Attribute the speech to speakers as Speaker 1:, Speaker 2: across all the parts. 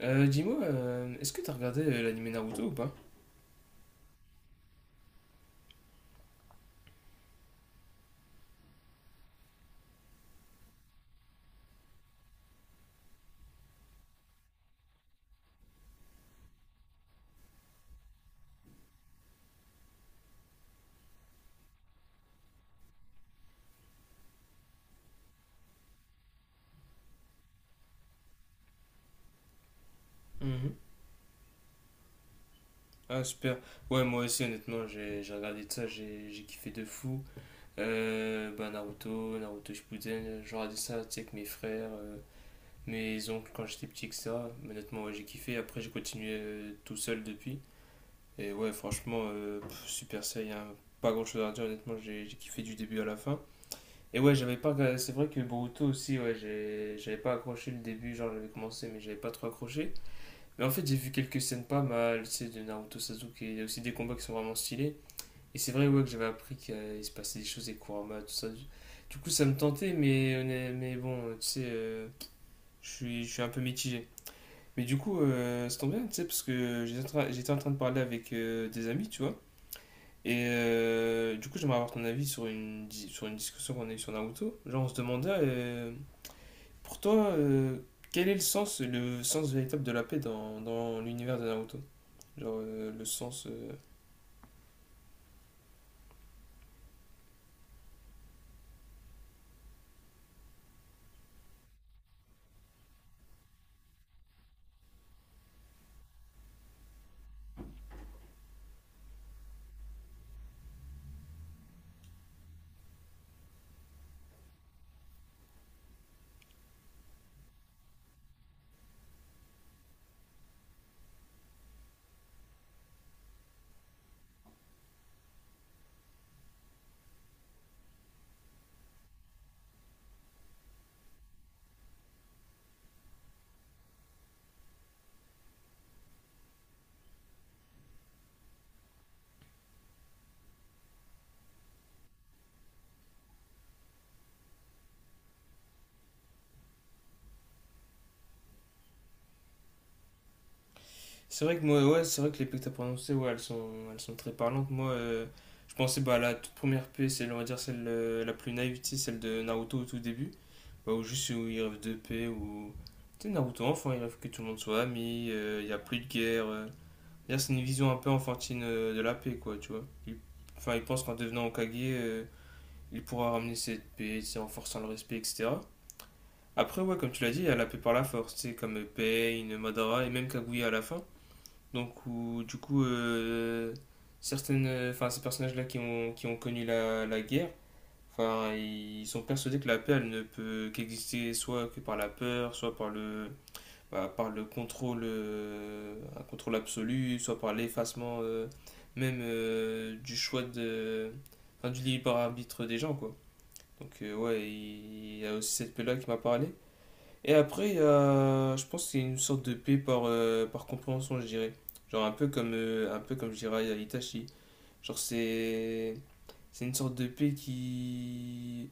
Speaker 1: Dis-moi, est-ce que t'as regardé l'anime Naruto ou pas? Mhm. Ah, super. Ouais, moi aussi, honnêtement, j'ai regardé de ça, j'ai kiffé de fou. Naruto, Naruto Shippuden, j'ai regardé ça, tu sais, avec mes frères, mes oncles quand j'étais petit, etc. Mais honnêtement, ouais, j'ai kiffé. Après, j'ai continué tout seul depuis. Et ouais, franchement, Super Saiyan, pas grand-chose à dire, honnêtement, j'ai kiffé du début à la fin. Et ouais, j'avais pas regardé- c'est vrai que Boruto aussi, ouais, j'avais pas accroché le début, genre j'avais commencé, mais j'avais pas trop accroché. Mais en fait, j'ai vu quelques scènes pas mal, c'est de Naruto Sasuke, il y a aussi des combats qui sont vraiment stylés. Et c'est vrai ouais, que j'avais appris qu'il se passait des choses avec Kurama, tout ça. Du coup, ça me tentait, mais, mais bon, tu sais, je suis un peu mitigé. Mais du coup, ça tombe bien, tu sais, parce que j'étais en train de parler avec des amis, tu vois. Et du coup, j'aimerais avoir ton avis sur sur une discussion qu'on a eue sur Naruto. Genre, on se demandait, pour toi, quel est le sens véritable de la paix dans l'univers de Naruto? Genre le sens. C'est vrai que moi, ouais, c'est vrai que les P que t'as prononcées, ouais, elles sont très parlantes. Moi, je pensais bah, à la toute première P, c'est, on va dire, celle la plus naïve, tu sais, celle de Naruto au tout début. Bah, ou juste où il rêve de paix, ou. Tu sais, Naruto enfant, il rêve que tout le monde soit ami, il n'y a plus de guerre. D'ailleurs, c'est une vision un peu enfantine de la paix, quoi, tu vois. Enfin, il pense qu'en devenant Hokage, il pourra ramener cette paix, tu sais, en forçant le respect, etc. Après, ouais, comme tu l'as dit, il y a la paix par la force, tu sais, comme Pain, Madara et même Kaguya à la fin. Donc, où, du coup, certaines, enfin, ces personnages-là qui ont connu la guerre, enfin, ils sont persuadés que la paix, elle ne peut qu'exister soit que par la peur, soit par le, bah, par le contrôle, un contrôle absolu, soit par l'effacement même du enfin, du libre arbitre des gens, quoi. Donc, ouais, il y a aussi cette paix-là qui m'a parlé. Et après, je pense que c'est une sorte de paix par, par compréhension, je dirais. Genre un peu comme je dirais à Itachi. Genre c'est c'est une sorte de paix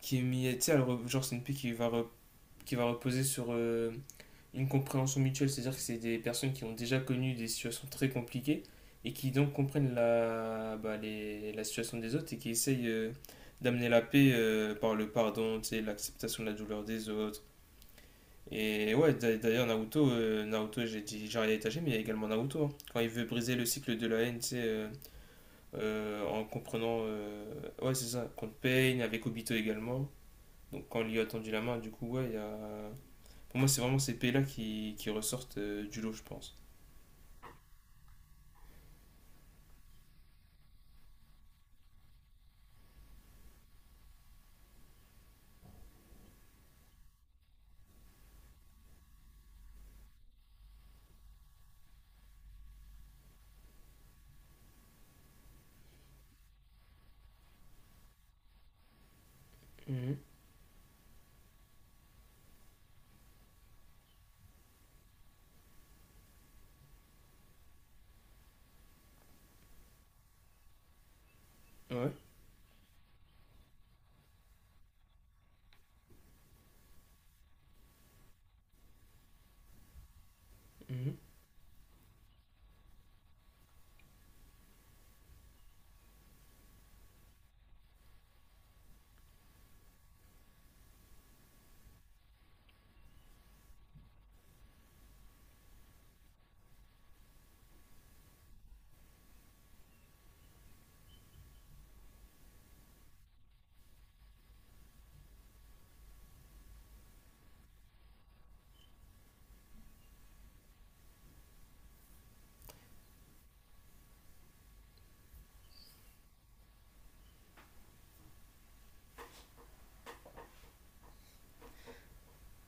Speaker 1: qui est mise, tu sais, genre c'est une paix qui qui va reposer sur une compréhension mutuelle. C'est-à-dire que c'est des personnes qui ont déjà connu des situations très compliquées et qui donc comprennent la situation des autres et qui essayent d'amener la paix par le pardon, tu sais, l'acceptation de la douleur des autres et ouais, d'ailleurs, Naruto, j'ai dit Jiraiya Itachi, mais il y a également Naruto, hein. Quand il veut briser le cycle de la haine, tu sais, en comprenant. Ouais, c'est ça, contre Pain, avec Obito également. Donc quand il lui a tendu la main, du coup, ouais, il y a. Pour moi, c'est vraiment ces pays-là qui ressortent du lot, je pense. Mhm, ouais, mhm.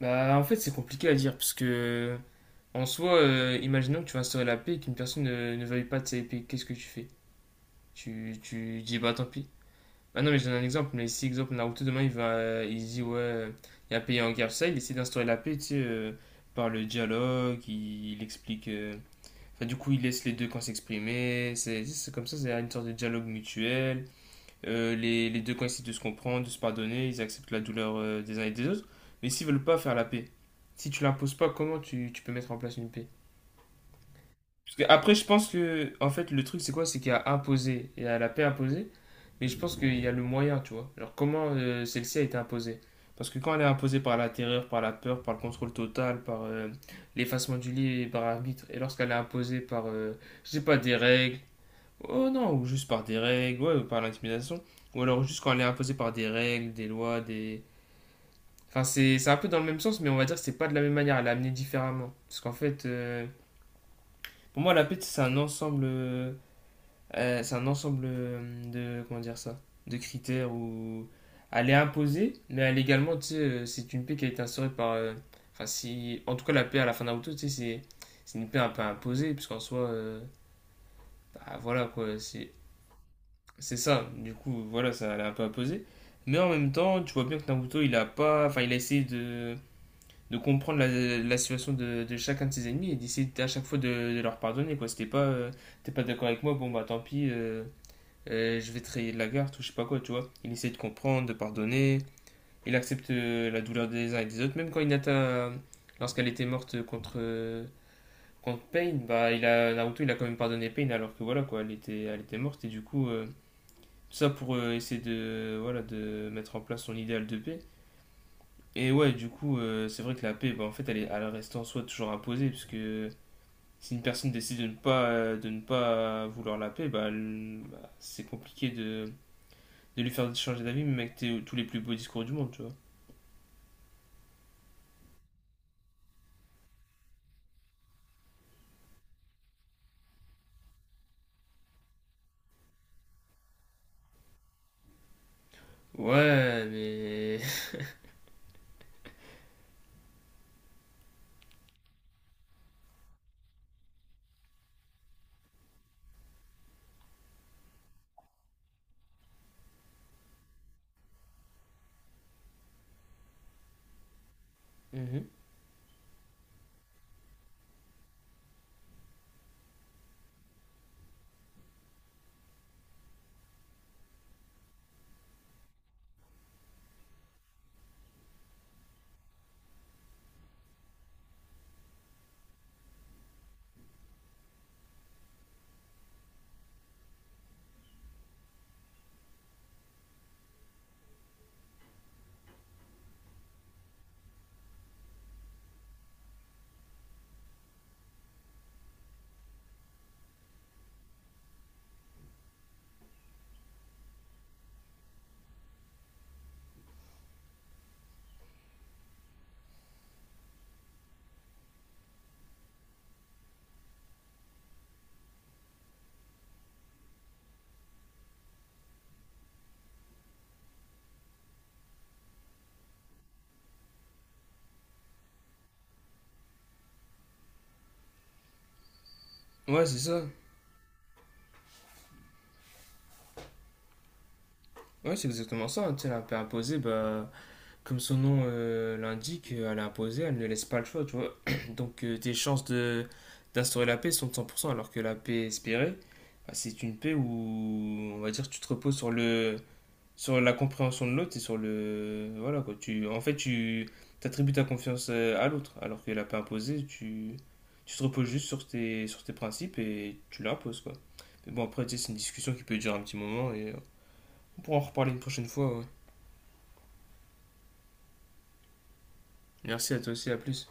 Speaker 1: Bah, en fait, c'est compliqué à dire parce que, en soi, imaginons que tu vas instaurer la paix et qu'une personne ne veuille pas de sa paix. Qu'est-ce que tu fais? Tu dis, bah tant pis. Ah non, mais je donne un exemple. Mais si, exemple, Naruto, demain, il dit, ouais, il y a un pays en guerre, tout ça, il essaie d'instaurer la paix, tu sais, par le dialogue, il explique. Enfin, du coup, il laisse les deux camps s'exprimer. C'est comme ça, c'est une sorte de dialogue mutuel. Les deux camps essaient de se comprendre, de se pardonner, ils acceptent la douleur des uns et des autres. Mais s'ils veulent pas faire la paix, si tu l'imposes pas, comment tu peux mettre en place une paix? Parce que après, je pense que, en fait, le truc, c'est quoi? C'est qu'il y a imposé, il y a la paix imposée, mais je pense qu'il y a le moyen, tu vois. Genre, comment celle-ci a été imposée? Parce que quand elle est imposée par la terreur, par la peur, par le contrôle total, par l'effacement du lit et par arbitre, et lorsqu'elle est imposée par, je sais pas, des règles, oh non, ou juste par des règles, ouais, ou par l'intimidation, ou alors juste quand elle est imposée par des règles, des lois, des... Enfin, c'est un peu dans le même sens, mais on va dire que c'est pas de la même manière, elle est amenée différemment. Parce qu'en fait, pour moi, la paix, c'est un ensemble. C'est un ensemble de, comment dire ça, de critères où elle est imposée, mais elle est également, tu sais, c'est une paix qui a été instaurée par, enfin, si, en tout cas, la paix à la fin de Naruto, tu sais, c'est une paix un peu imposée, puisqu'en soi, bah, voilà, quoi, c'est ça, du coup, voilà, ça, elle est un peu imposée, mais en même temps, tu vois bien que Naruto, il a pas, enfin, il a essayé de comprendre la, la situation de chacun de ses ennemis et d'essayer à chaque fois de leur pardonner, quoi, c'était pas, t'es pas d'accord avec moi, bon, bah, tant pis, je vais trahir la garde ou je sais pas quoi, tu vois. Il essaie de comprendre, de pardonner. Il accepte la douleur des uns et des autres. Même quand Hinata, lorsqu'elle était morte contre, contre Pain, bah, il a, Naruto il a quand même pardonné Pain alors que voilà quoi, elle était morte. Et du coup, tout ça pour essayer de, voilà, de mettre en place son idéal de paix. Et ouais, du coup, c'est vrai que la paix, bah, en fait, elle, est, elle reste en soi toujours imposée puisque si une personne décide de ne pas vouloir la paix, bah, bah, c'est compliqué de lui faire changer d'avis, même avec tous les plus beaux discours du monde, tu vois. Ouais, mais. Mmh. Ouais, c'est ça. Ouais, c'est exactement ça, hein. Tu sais, elle a un peu imposé, bah, comme son nom l'indique, elle est imposée, elle ne laisse pas le choix, tu vois. Donc, tes chances de d'instaurer la paix sont de 100%, alors que la paix espérée, bah, c'est une paix où, on va dire, tu te reposes sur le sur la compréhension de l'autre et sur le. Voilà quoi. Tu, en fait, tu attribues ta confiance à l'autre, alors qu'elle n'a pas imposé. Tu te reposes juste sur tes principes et tu l'imposes quoi. Mais bon, après, tu sais, c'est une discussion qui peut durer un petit moment et on pourra en reparler une prochaine fois, ouais. Merci à toi aussi, à plus.